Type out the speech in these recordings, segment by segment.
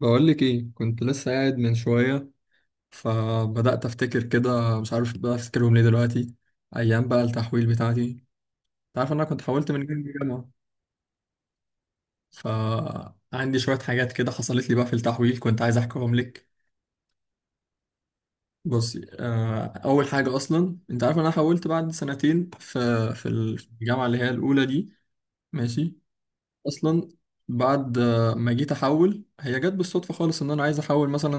بقول لك ايه، كنت لسه قاعد من شويه، فبدات افتكر كده، مش عارف بقى افتكرهم ليه دلوقتي. ايام بقى التحويل بتاعتي. انت عارف إن انا كنت حولت من جامعه لجامعه، فعندي شويه حاجات كده حصلت لي بقى في التحويل كنت عايز احكيهم لك. بصي اول حاجه اصلا، انت عارف إن انا حولت بعد سنتين في في الجامعه اللي هي الاولى دي. ماشي؟ اصلا بعد ما جيت احول، هي جت بالصدفه خالص ان انا عايز احول مثلا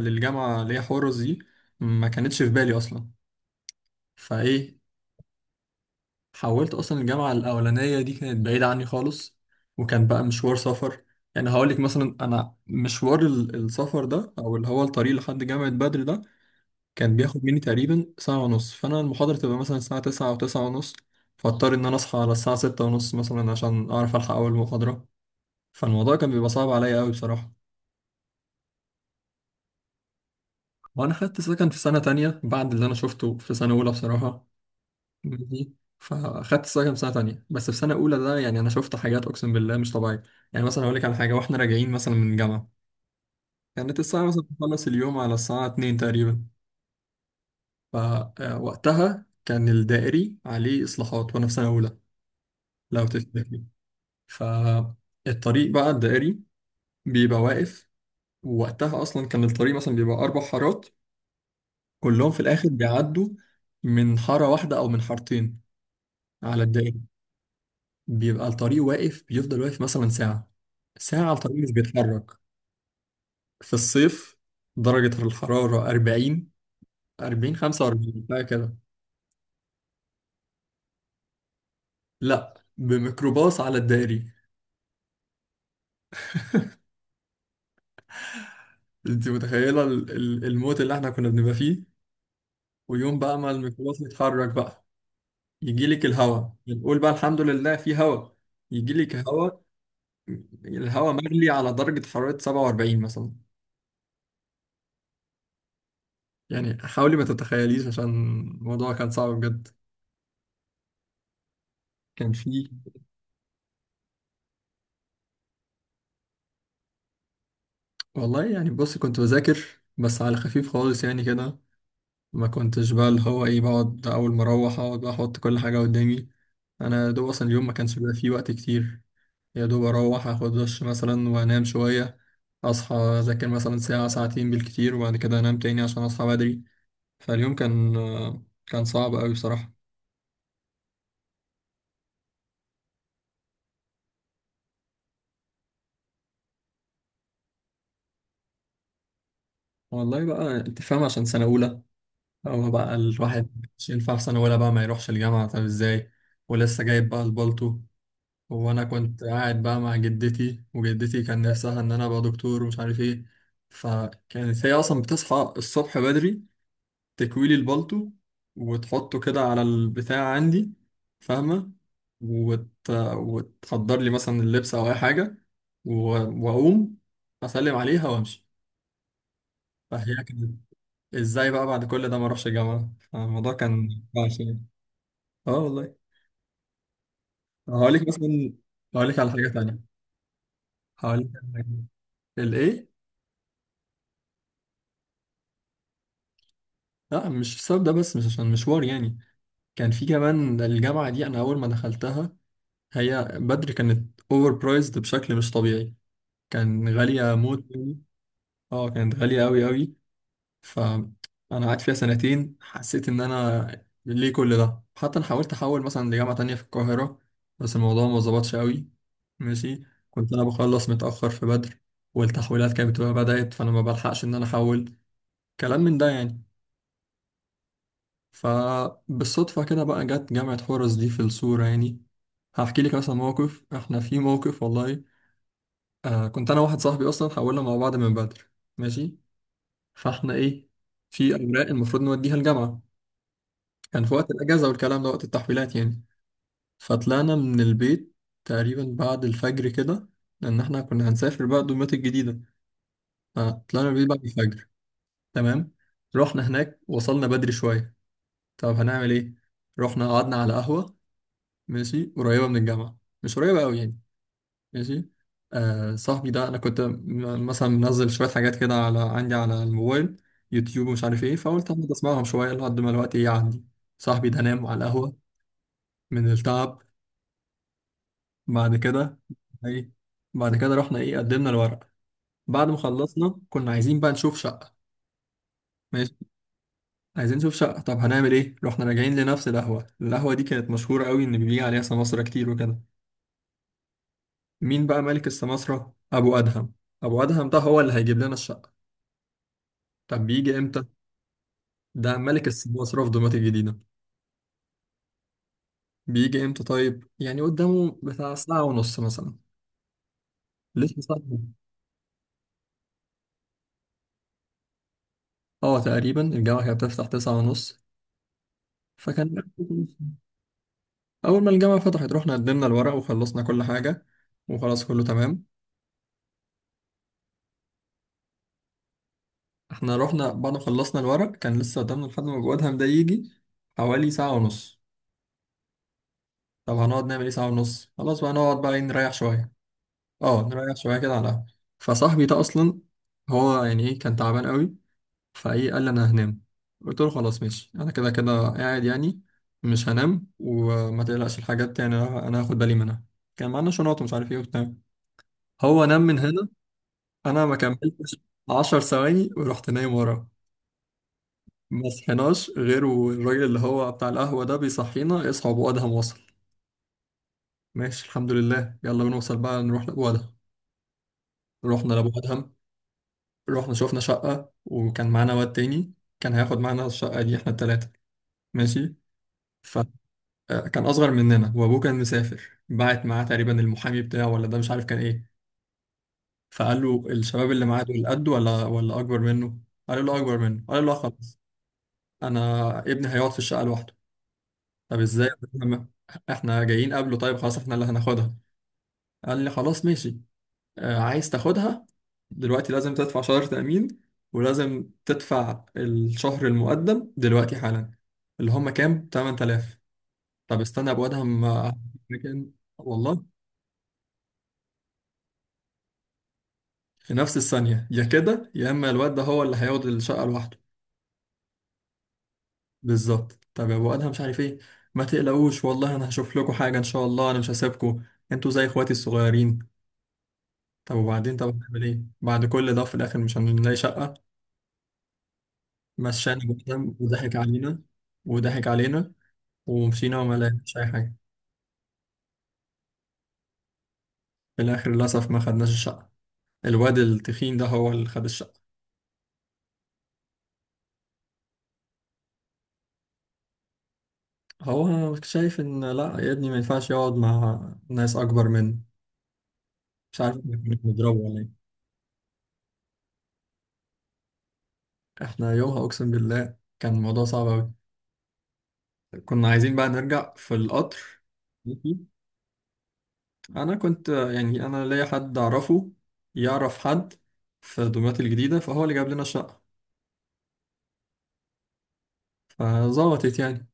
للجامعه اللي هي حورس دي. ما كانتش في بالي اصلا. فايه، حولت اصلا الجامعه الاولانيه دي كانت بعيده عني خالص، وكان بقى مشوار سفر. يعني هقول لك مثلا، انا مشوار السفر ده، او اللي هو الطريق لحد جامعه بدر ده كان بياخد مني تقريبا ساعه ونص. فانا المحاضره تبقى مثلا الساعه 9 او 9 ونص، فاضطر ان انا اصحى على الساعه 6 ونص مثلا عشان اعرف الحق اول محاضره. فالموضوع كان بيبقى صعب عليا قوي بصراحه. وانا خدت سكن في سنه تانية، بعد اللي انا شفته في سنه اولى بصراحه دي. فاخدت السايكم سنه تانية، بس في سنه اولى ده يعني انا شفت حاجات اقسم بالله مش طبيعيه. يعني مثلا اقول لك على حاجه، واحنا راجعين مثلا من الجامعه، كانت الساعه مثلا بتخلص اليوم على الساعه 2 تقريبا. فوقتها كان الدائري عليه اصلاحات، وانا في سنه اولى لو تفتكر. فالطريق بقى، الدائري بيبقى واقف. ووقتها اصلا كان الطريق مثلا بيبقى اربع حارات، كلهم في الاخر بيعدوا من حاره واحده او من حارتين على الدائري. بيبقى الطريق واقف، بيفضل واقف مثلا ساعة، ساعة الطريق مش بيتحرك. في الصيف درجة الحرارة 40، 40 45 بقى كده. لا، بميكروباص على الدائري. انت متخيلة الموت اللي احنا كنا بنبقى فيه؟ ويوم بقى ما الميكروباص يتحرك بقى، يجيلك الهواء، نقول بقى الحمد لله في هواء. يجيلك هواء، الهواء مغلي على درجة حرارة 47 مثلا. يعني حاولي ما تتخيليش، عشان الموضوع كان صعب بجد. كان فيه. والله يعني بص، كنت بذاكر، بس على خفيف خالص يعني كده. ما كنتش بقى اللي هو ايه، بقعد اول ما اروح اقعد بقى احط كل حاجه قدامي. انا يا دوب اصلا اليوم ما كانش بيبقى فيه وقت كتير. يا دوب اروح اخد دش مثلا وانام شويه، اصحى اذاكر مثلا ساعه ساعتين بالكتير، وبعد كده انام تاني عشان اصحى بدري. فاليوم كان، كان صعب قوي بصراحه. والله بقى انت فاهم، عشان سنه اولى. هو بقى الواحد مش ينفع في سنه اولى بقى ما يروحش الجامعه، طب ازاي؟ ولسه جايب بقى البالتو. وانا كنت قاعد بقى مع جدتي، وجدتي كان نفسها ان انا ابقى دكتور ومش عارف ايه. فكانت هي اصلا بتصحى الصبح بدري، تكويلي البلطو، وتحطه كده على البتاع عندي. فاهمة؟ وت... وتحضر لي مثلا اللبس او اي حاجة، و... واقوم اسلم عليها وامشي. فهي كانت، ازاي بقى بعد كل ده ما اروحش الجامعة؟ فالموضوع كان وحش يعني. اه والله. هقول لك مثلا، هقول لك على حاجة تانية. هقول لك على حاجة. الايه. لا، مش بسبب ده بس، مش عشان مشوار يعني. كان في كمان الجامعة دي، أنا أول ما دخلتها، هي بدري كانت أوفر برايزد بشكل مش طبيعي. كان غالية موت يعني. اه كانت غالية أوي أوي. فأنا قعدت فيها سنتين، حسيت إن أنا ليه كل ده؟ حتى أنا حاولت أحول مثلا لجامعة تانية في القاهرة، بس الموضوع ما ظبطش أوي. ماشي. كنت أنا بخلص متأخر في بدر، والتحويلات كانت بتبقى بدأت، فأنا ما بلحقش إن أنا أحول، كلام من ده يعني. فبالصدفة كده بقى جت جامعة حورس دي في الصورة يعني. هحكي لك مثلا موقف، احنا في موقف والله. آه كنت انا واحد صاحبي اصلا حاولنا مع بعض من بدر. ماشي. فاحنا ايه، في اوراق المفروض نوديها الجامعة. كان في وقت الاجازة والكلام ده، وقت التحويلات يعني. فطلعنا من البيت تقريبا بعد الفجر كده، لان احنا كنا هنسافر بقى دمياط الجديدة. فطلعنا من البيت بعد الفجر. تمام. رحنا هناك، وصلنا بدري شوية. طب هنعمل ايه؟ رحنا قعدنا على قهوة، ماشي، قريبة من الجامعة، مش قريبة أوي يعني. ماشي. صاحبي ده أنا كنت مثلا منزل شوية حاجات كده على عندي على الموبايل، يوتيوب ومش عارف إيه، فقلت أقعد أسمعهم شوية لحد ما الوقت يعدي. صاحبي ده نام على القهوة من التعب. بعد كده. إيه؟ بعد كده رحنا، إيه، قدمنا الورق. بعد ما خلصنا كنا عايزين بقى نشوف شقة. ماشي. عايزين نشوف شقة، طب هنعمل إيه؟ رحنا راجعين لنفس القهوة. القهوة دي كانت مشهورة أوي إن بيجي عليها سماسرة كتير وكده. مين بقى ملك السماسرة؟ أبو أدهم. أبو أدهم ده هو اللي هيجيب لنا الشقة. طب بيجي إمتى؟ ده ملك السماسرة في دمياط الجديدة. بيجي إمتى طيب؟ يعني قدامه بتاع ساعة ونص مثلا. لسه ساعة. اه تقريبا الجامعة كانت بتفتح تسعة ونص. فكان، أول ما الجامعة فتحت رحنا قدمنا الورق وخلصنا كل حاجة، وخلاص كله تمام. احنا رحنا بعد ما خلصنا الورق، كان لسه قدامنا لحد ما أبو أدهم ده يجي حوالي ساعة ونص. طب هنقعد نعمل ايه ساعة ونص؟ خلاص بقى نقعد بقى إيه، نريح شوية. اه نريح شويه كده على القهوه. فصاحبي ده اصلا، هو يعني ايه، كان تعبان قوي. فايه، قال لي انا هنام. قلت له خلاص ماشي، انا كده كده قاعد يعني، مش هنام، وما تقلقش الحاجات يعني أنا هاخد بالي منها. كان معانا شنط ومش عارف ايه وبتاع. هو نام من هنا، انا ما كملتش عشر ثواني ورحت نايم وراه. ما صحيناش غير والراجل اللي هو بتاع القهوه ده بيصحينا: اصحى، ابو ادهم وصل. ماشي، الحمد لله، يلا بنوصل بقى نروح لابو ادهم. رحنا لابو ادهم، رحنا شوفنا شقة، وكان معانا واد تاني كان هياخد معانا الشقة دي احنا التلاتة. ماشي. فكان أصغر مننا، وأبوه كان مسافر، بعت معاه تقريبا المحامي بتاعه ولا ده مش عارف كان إيه. فقال له الشباب اللي معاه دول قده ولا أكبر منه؟ قال له أكبر منه. قال له: "لا خلاص، أنا ابني هيقعد في الشقة لوحده". طب إزاي؟ لما- إحنا جايين قبله، طيب خلاص إحنا اللي هناخدها. قال لي خلاص ماشي، عايز تاخدها، دلوقتي لازم تدفع شهر تأمين، ولازم تدفع الشهر المقدم دلوقتي حالا. اللي هم كام؟ 8000. طب استنى يا ابو ادهم، مكان، والله. في نفس الثانية، يا كده، يا اما الواد ده هو اللي هياخد الشقة لوحده. بالظبط. طب يا ابو ادهم مش عارف ايه، ما تقلقوش والله، انا هشوف لكم حاجة ان شاء الله، انا مش هسيبكم، انتوا زي اخواتي الصغيرين. طب وبعدين، طب هنعمل ايه بعد كل ده؟ في الاخر مش هنلاقي شقة. مشانا ابو ادهم وضحك علينا، وضحك علينا، ومشينا وما لقيناش اي حاجه. في الاخر للاسف ما خدناش الشقه، الواد التخين ده هو اللي خد الشقه. هو شايف ان لا يا ابني ما ينفعش يقعد مع ناس اكبر منه. مش عارف، إحنا كنا بنضربه ولا ايه؟ احنا يومها اقسم بالله كان الموضوع صعب قوي. كنا عايزين بقى نرجع في القطر. انا كنت، يعني انا ليا حد اعرفه، يعرف حد في دمياط الجديده، فهو اللي جاب لنا الشقه. فظبطت يعني.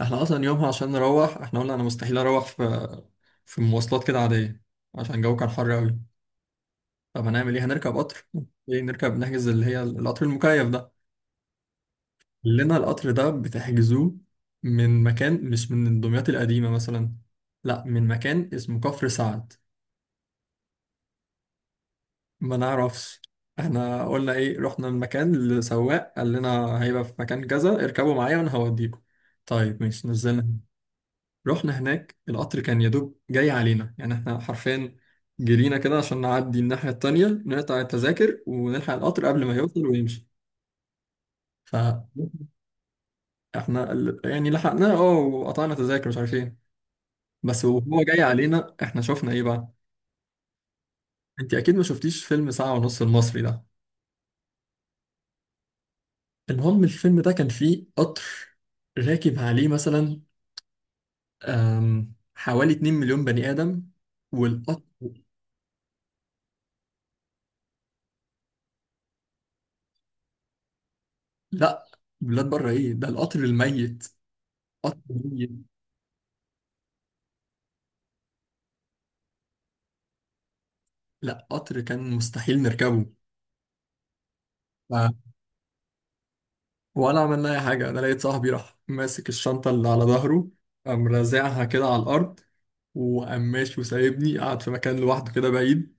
احنا اصلا يومها عشان نروح، احنا قلنا انا مستحيل اروح في مواصلات كده عاديه، عشان الجو كان حر قوي. طب هنعمل ايه؟ هنركب قطر. ايه نركب، نحجز اللي هي القطر المكيف ده. لنا القطر ده بتحجزوه من مكان، مش من دمياط القديمه مثلا، لا من مكان اسمه كفر سعد. ما نعرفش. احنا قلنا ايه، رحنا المكان، لسواق قال لنا هيبقى في مكان كذا، اركبوا معايا وانا هوديكم. طيب ماشي، نزلنا. رحنا هناك، القطر كان يا دوب جاي علينا، يعني احنا حرفيا جرينا كده عشان نعدي الناحية التانية نقطع التذاكر ونلحق القطر قبل ما يوصل ويمشي. فاحنا يعني لحقناه اه، وقطعنا تذاكر مش عارف ايه. بس وهو جاي علينا احنا شفنا ايه بقى؟ انت اكيد ما شفتيش فيلم ساعة ونص المصري ده. المهم الفيلم ده كان فيه قطر راكب عليه مثلا حوالي 2 مليون بني آدم. والقطر، لا، بلاد بره ايه ده، القطر الميت. قطر ميت، لا قطر كان مستحيل نركبه. ف- ولا عملنا اي حاجه. انا لقيت صاحبي راح ماسك الشنطه اللي على ظهره، قام رازعها كده على الارض، وقام ماشي وسايبني قاعد في مكان لوحده كده بعيد.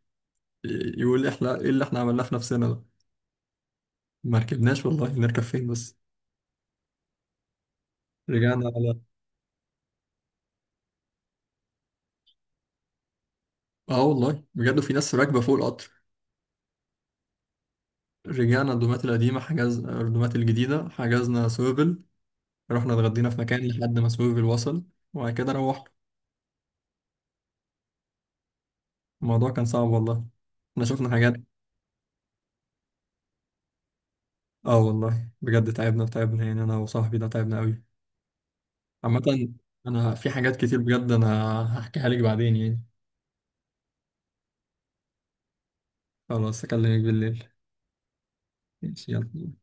يقول لي احنا ايه اللي احنا عملناه في نفسنا ده. ما ركبناش والله، نركب فين بس؟ رجعنا على، اه والله بجد في ناس راكبه فوق القطر. رجعنا الدومات القديمه، حجز الدومات الجديده، حجزنا سوفل. رحنا اتغدينا في مكان لحد ما سوفل وصل، وبعد كده روحنا. الموضوع كان صعب والله، احنا شفنا حاجات. اه والله بجد، تعبنا تعبنا يعني، انا وصاحبي ده تعبنا قوي. عامة، انا في حاجات كتير بجد انا هحكيها لك بعدين يعني. خلاص اكلمك بالليل. ماشي يلا.